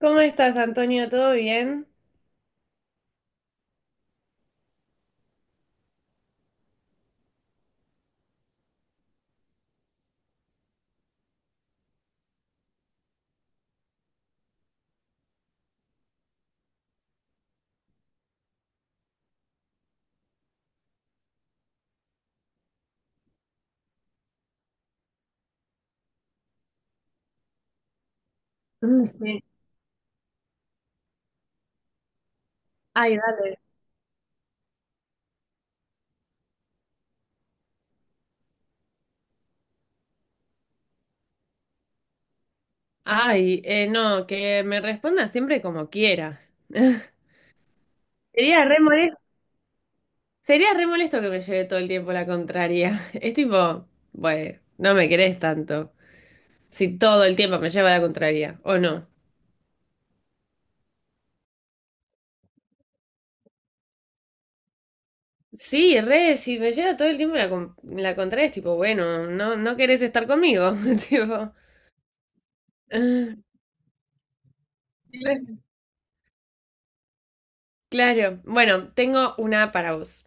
¿Cómo estás, Antonio? ¿Todo bien? Mm. Sí. Ay, dale. Ay, no, que me responda siempre como quieras. Sería re molesto. Sería re molesto que me lleve todo el tiempo la contraria. Es tipo, bueno, no me querés tanto. Si todo el tiempo me lleva la contraria, ¿o no? Sí, re, si me lleva todo el tiempo la contraria, es tipo, bueno, no, no querés estar conmigo. Tipo, ah, claro, bueno, tengo una para vos.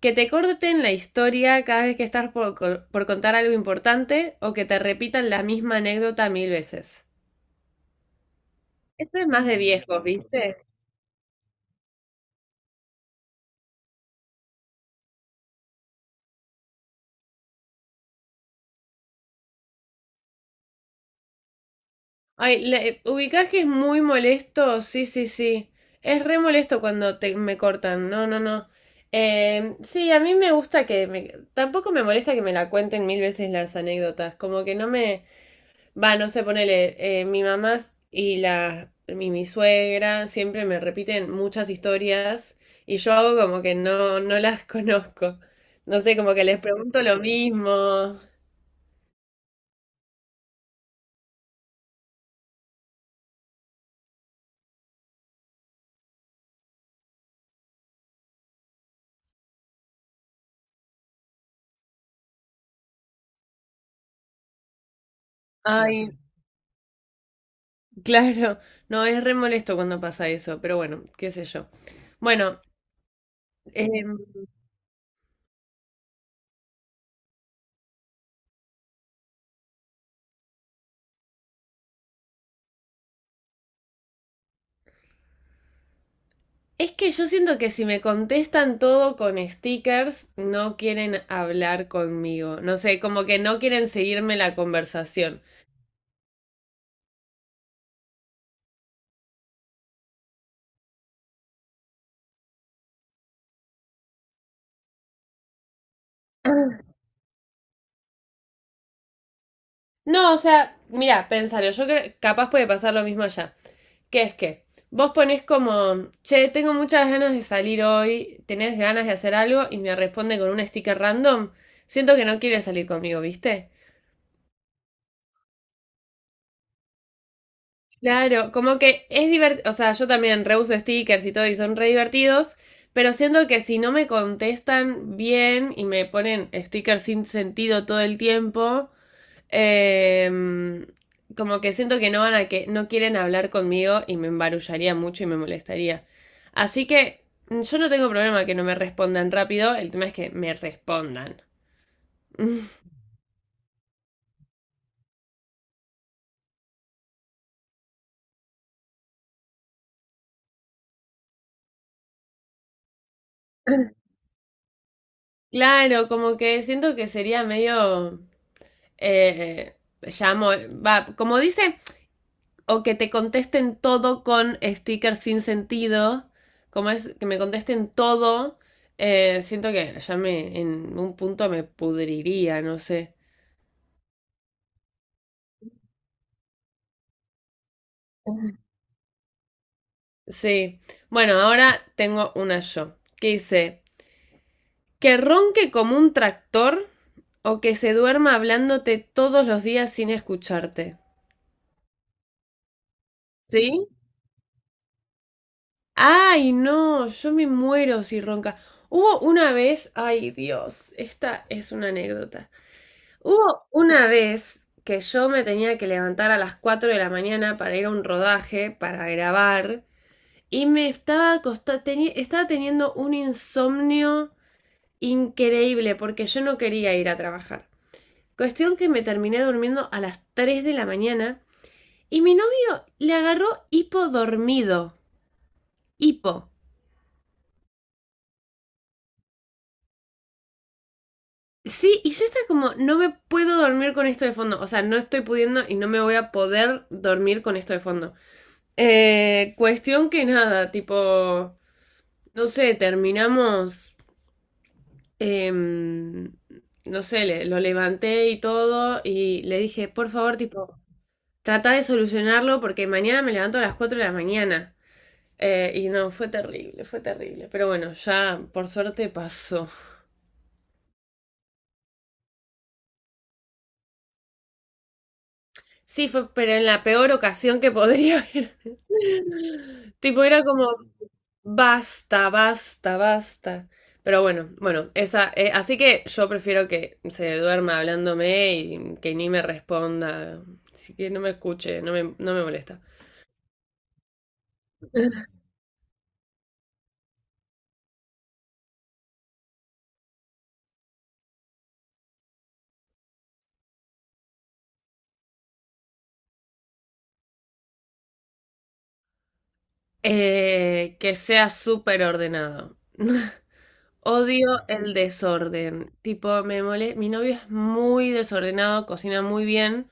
Que te corten la historia cada vez que estás por contar algo importante o que te repitan la misma anécdota mil veces. Esto es más de viejos, ¿viste? Ay, ¿ubicás que es muy molesto? Sí, sí, sí. Es re molesto cuando me cortan. No, no, no. Sí, a mí me gusta que me... Tampoco me molesta que me la cuenten mil veces las anécdotas. Como que no me... Va, no sé, ponele, mi mamá y mi suegra siempre me repiten muchas historias y yo hago como que no, no las conozco. No sé, como que les pregunto lo mismo. Ay, claro, no, es re molesto cuando pasa eso, pero bueno, qué sé yo. Bueno, em, es que yo siento que si me contestan todo con stickers, no quieren hablar conmigo. No sé, como que no quieren seguirme la conversación. No, o sea, mira, pensalo, yo creo, capaz puede pasar lo mismo allá. Que es que vos ponés como, che, tengo muchas ganas de salir hoy, tenés ganas de hacer algo y me responde con un sticker random, siento que no quiere salir conmigo, ¿viste? Claro, como que es divertido, o sea, yo también reuso stickers y todo y son re divertidos, pero siento que si no me contestan bien y me ponen stickers sin sentido todo el tiempo, Em, como que siento que no van a que no quieren hablar conmigo y me embarullaría mucho y me molestaría. Así que mm, yo no tengo problema que no me respondan rápido, el tema es que me respondan. Claro, como que siento que sería medio eh, eh, llamo, como dice, o que te contesten todo con stickers sin sentido, como es que me contesten todo, siento que ya me en un punto me pudriría, no sé. Sí. Bueno, ahora tengo una yo, que dice, que ronque como un tractor o que se duerma hablándote todos los días sin escucharte. ¿Sí? Ay, no, yo me muero si ronca. Hubo una vez, ay Dios, esta es una anécdota. Hubo una vez que yo me tenía que levantar a las 4 de la mañana para ir a un rodaje, para grabar, y me estaba estaba teniendo un insomnio increíble, porque yo no quería ir a trabajar. Cuestión que me terminé durmiendo a las 3 de la mañana y mi novio le agarró hipo dormido. Hipo. Sí, y yo estaba como, no me puedo dormir con esto de fondo. O sea, no estoy pudiendo y no me voy a poder dormir con esto de fondo. Cuestión que nada, tipo, no sé, terminamos, em, no sé, lo levanté y todo y le dije, por favor, tipo, trata de solucionarlo porque mañana me levanto a las 4 de la mañana. Y no, fue terrible, fue terrible. Pero bueno, ya por suerte pasó. Sí, fue, pero en la peor ocasión que podría haber. Tipo, era como, basta, basta, basta. Pero bueno, bueno, esa, así que yo prefiero que se duerma hablándome y que ni me responda. Así que no me escuche, no me molesta. Que sea súper ordenado. Odio el desorden. Tipo, me mole... Mi novio es muy desordenado, cocina muy bien,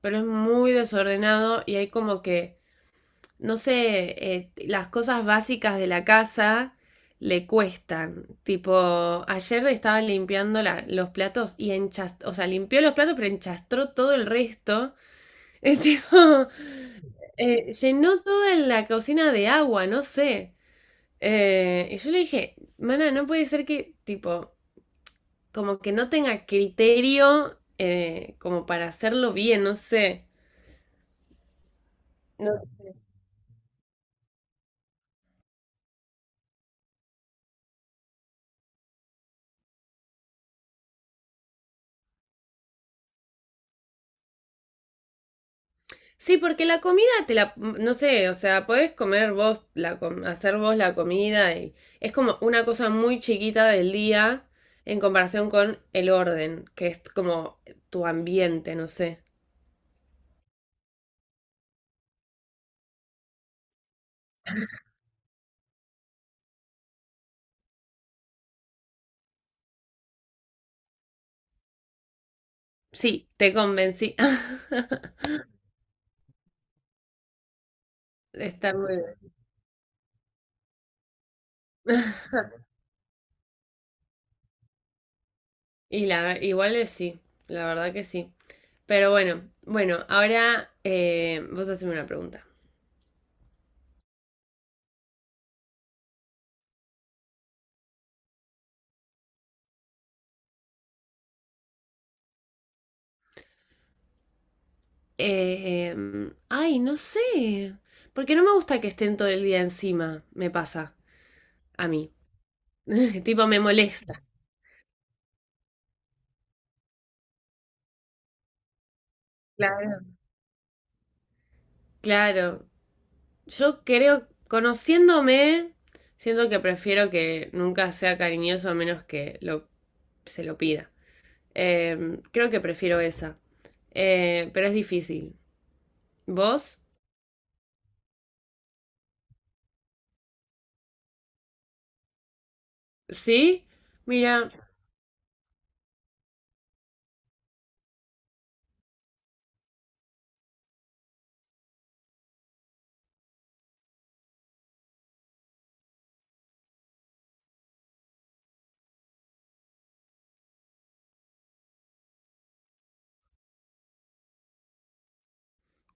pero es muy desordenado y hay como que, no sé, las cosas básicas de la casa le cuestan. Tipo, ayer estaba limpiando los platos y enchastró, o sea, limpió los platos, pero enchastró todo el resto. Es tipo, llenó toda la cocina de agua, no sé. Y yo le dije, mana, no puede ser que, tipo, como que no tenga criterio como para hacerlo bien, no sé. No. Sí, porque la comida te la, no sé, o sea, podés comer vos, hacer vos la comida y es como una cosa muy chiquita del día en comparación con el orden, que es como tu ambiente, no sé. Sí, te convencí. Está muy bien. Y la, igual es sí, la verdad que sí. Pero bueno, bueno, ahora vos haceme una pregunta. Ay, no sé. Porque no me gusta que estén todo el día encima, me pasa a mí. Tipo, me molesta. Claro. Claro. Yo creo, conociéndome, siento que prefiero que nunca sea cariñoso a menos que se lo pida. Creo que prefiero esa. Pero es difícil. ¿Vos? ¿Sí? Mira,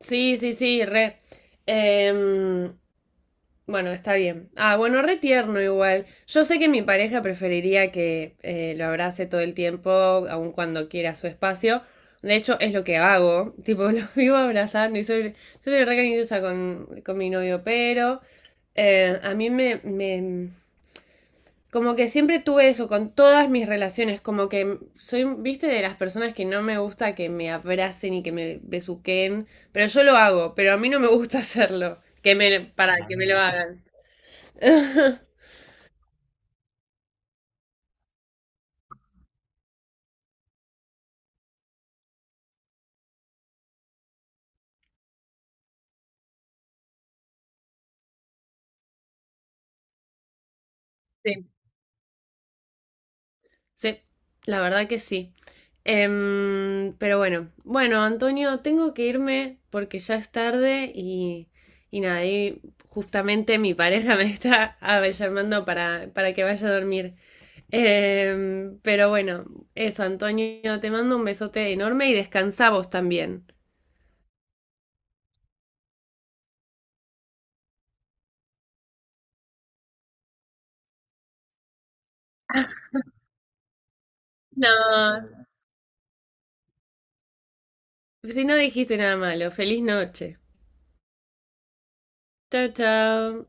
sí, sí, sí, re. Em, bueno, está bien. Ah, bueno, re tierno igual. Yo sé que mi pareja preferiría que lo abrace todo el tiempo, aun cuando quiera su espacio. De hecho, es lo que hago. Tipo, lo vivo abrazando y yo soy re cariñosa con mi novio, pero a mí me, me, como que siempre tuve eso con todas mis relaciones, como que soy, viste, de las personas que no me gusta que me abracen y que me besuquen, pero yo lo hago, pero a mí no me gusta hacerlo, para que me lo hagan. Sí, sí, la verdad que sí. Pero bueno, bueno, Antonio, tengo que irme porque ya es tarde y nada, y justamente mi pareja me está llamando para que vaya a dormir. Pero bueno, eso, Antonio, te mando un besote enorme y descansa vos también. No, si no dijiste nada malo, feliz noche. Chao, chao.